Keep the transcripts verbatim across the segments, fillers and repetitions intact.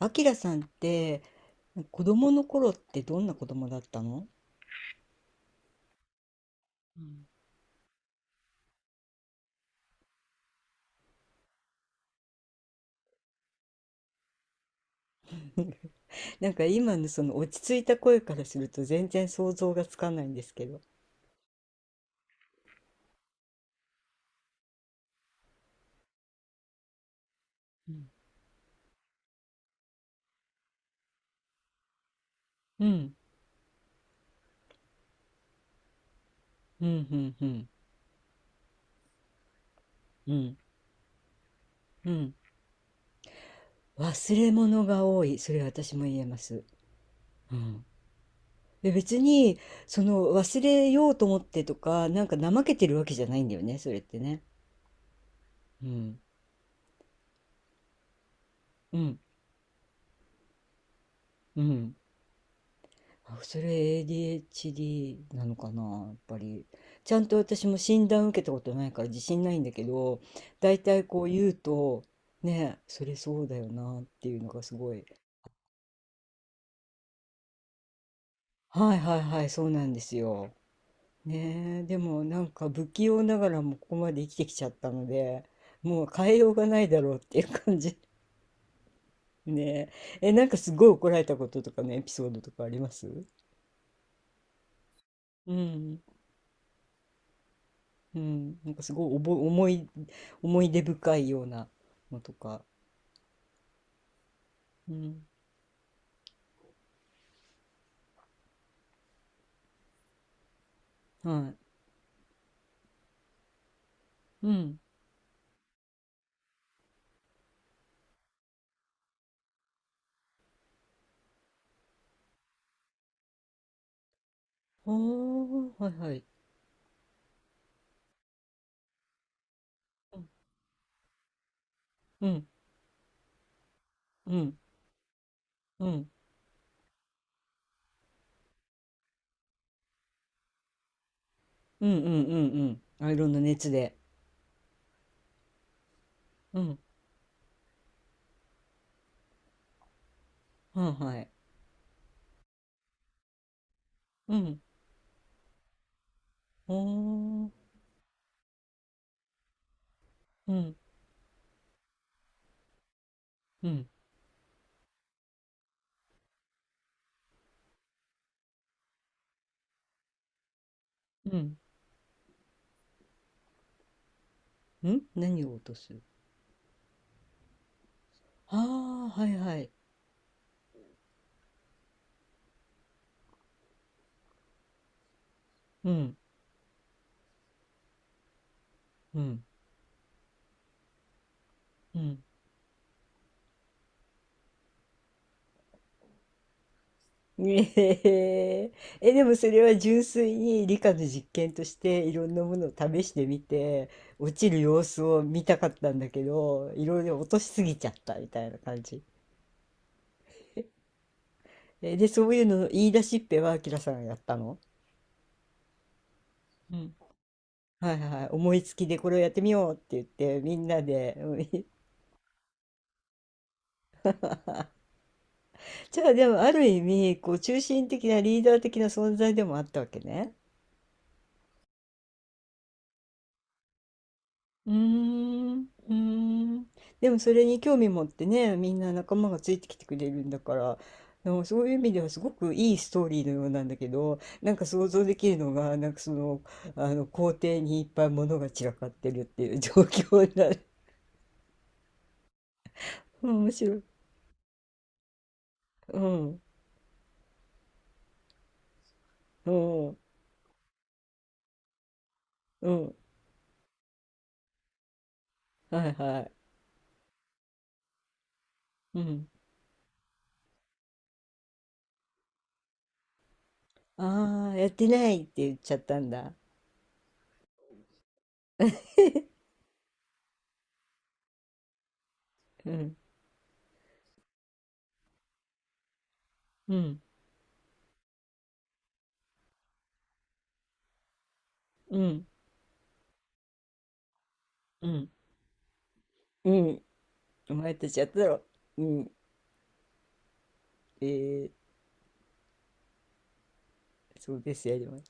あきらさんって子供の頃ってどんな子供だったの？うん。なんか今のその落ち着いた声からすると全然想像がつかないんですけど。うん、うん、うん、うん、うん、うん、うん。忘れ物が多い。それ私も言えます。うん。で別に、その忘れようと思ってとか、なんか怠けてるわけじゃないんだよね、それってね。うん、うん、うん。あ、それ エーディーエイチディー なのかな、やっぱり。ちゃんと私も診断受けたことないから自信ないんだけど、だいたいこう言うと、ね、それそうだよなっていうのがすごい。はいはいはい、そうなんですよ。ねえ、でもなんか不器用ながらもここまで生きてきちゃったので、もう変えようがないだろうっていう感じ。ねえ、え、なんかすごい怒られたこととかのエピソードとかあります？うん。うん、なんかすごいおぼ、思い、思い出深いようなのとか。うん、はい。うん。おー、はいはい。うん、うん、うん、うん、うん、うん、うんうんうんうんうんうんうんん、アイロンの熱で。うん、はいはい。うん、おー、うん、うん、うん。ん、何を落とす？ああー、はいはい。うん、うん、うん。ねえー。 え、でもそれは純粋に理科の実験としていろんなものを試してみて落ちる様子を見たかったんだけど、いろいろ落としすぎちゃったみたいな感じ。えで、そういうのの言い出しっぺはあきらさんがやったの？うん。はいはい、思いつきでこれをやってみようって言ってみんなで。うん。 じゃあでもある意味こう中心的なリーダー的な存在でもあったわけね。うーん、うーん。でもそれに興味持ってね、みんな仲間がついてきてくれるんだから、のそういう意味ではすごくいいストーリーのようなんだけど、なんか想像できるのが、なんかその、あの、校庭にいっぱい物が散らかってるっていう 状況になる。うん、面白い。うん、うん、うん。はいはい。うん。ああ、やってないって言っちゃったんだ。うん、うん、うん、うん、うん。お前たちやっただろ。うん、えー、そうですよ。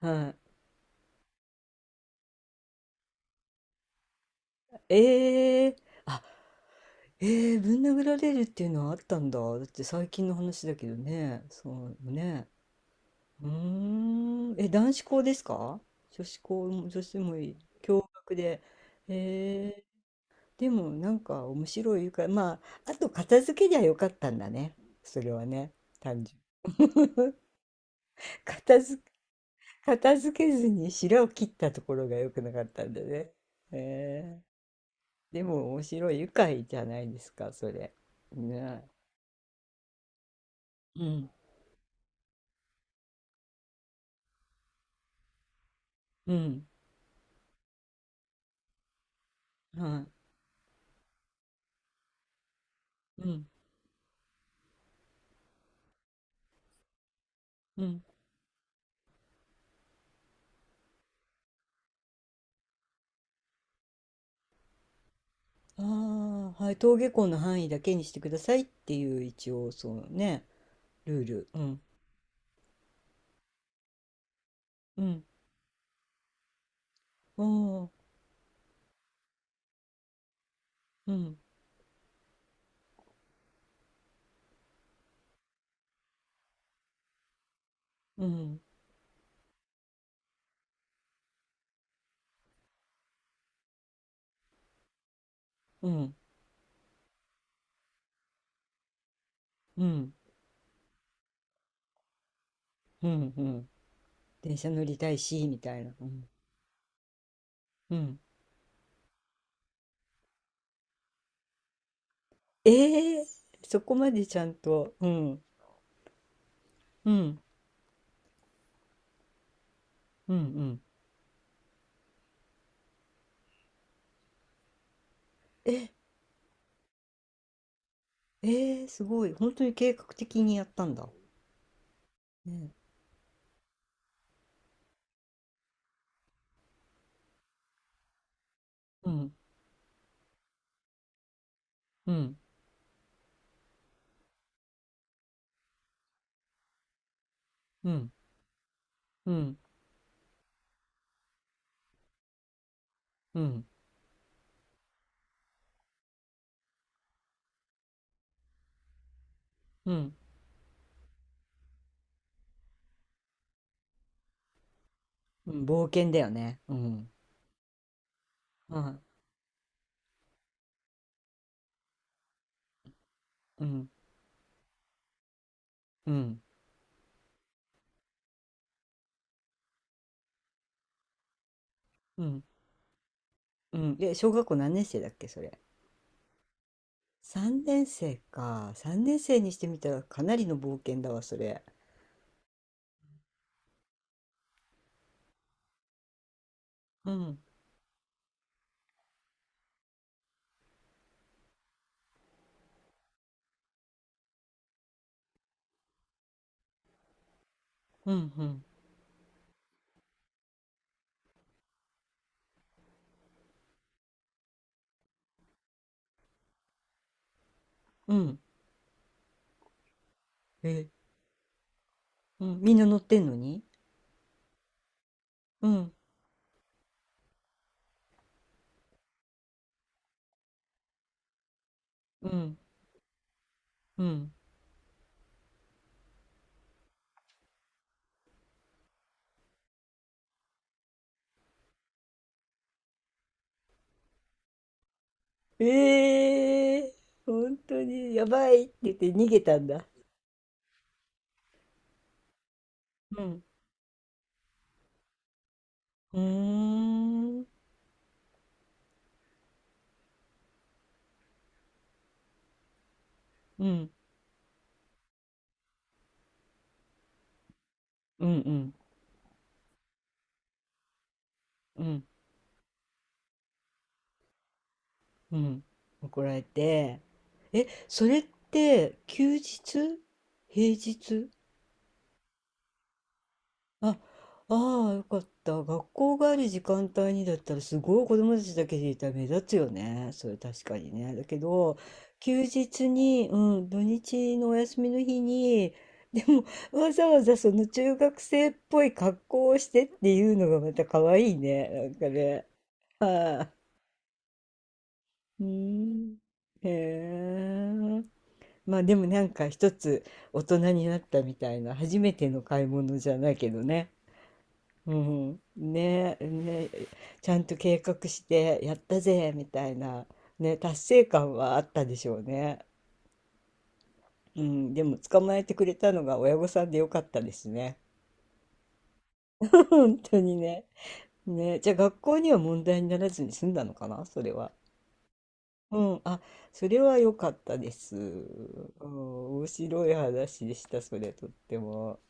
はい。ええ、あ、ええ、ぶん殴られるっていうのはあったんだ。だって最近の話だけどね。そうね。うーん。え、男子校ですか？女子校も、女子もいい。共学で。ええ。でもなんか面白いから、まあ、あと片付けりゃよかったんだね。それはね。単純。片付、片付けずに白を切ったところが良くなかったんだね。えー。でも面白い、愉快じゃないですか、それ。ね。うん、うん、はい、うん、うん。ああ、はい、登下校の範囲だけにしてくださいっていう一応そうね、ルール。うん、うん、おー、うん、うん、うん、うん、うん、うん。電車乗りたいし、みたいな。うん、うん。ええ、そこまでちゃんと、うん、うん、うん、うん。え、ええすごい。本当に計画的にやったんだ。ね、うん、うん、うん、うん、うん、うん、うん、冒険だよね。うん。はい。うん。うん。うん。うん。え、小学校何年生だっけ、それ。さんねん生か。さんねん生にしてみたらかなりの冒険だわ、それ。うん。うん。うん。うん。え、うん。みんな乗ってんのに。うん。うん。うん。ええー、本当にやばいって言って逃げたんだ。うん。うーん。うん。うん。うん。うん。うん。怒られて。え、それって休日？平日？あ、ああ、よかった。学校がある時間帯にだったら、すごい子供たちだけでいたら目立つよね。それ確かにね。だけど、休日に、うん、土日のお休みの日に、でも、わざわざその中学生っぽい格好をしてっていうのがまた可愛いね。なんかね。はい、うーん。へえ。まあでもなんか一つ大人になったみたいな、初めての買い物じゃないけどね。うん、ねえ、ねえ、ちゃんと計画してやったぜみたいな、ね、達成感はあったでしょうね。うん、でも捕まえてくれたのが親御さんでよかったですね。本当にね。ね、じゃあ学校には問題にならずに済んだのかな、それは。うん、あ、それは良かったです。うん、面白い話でした、それとっても。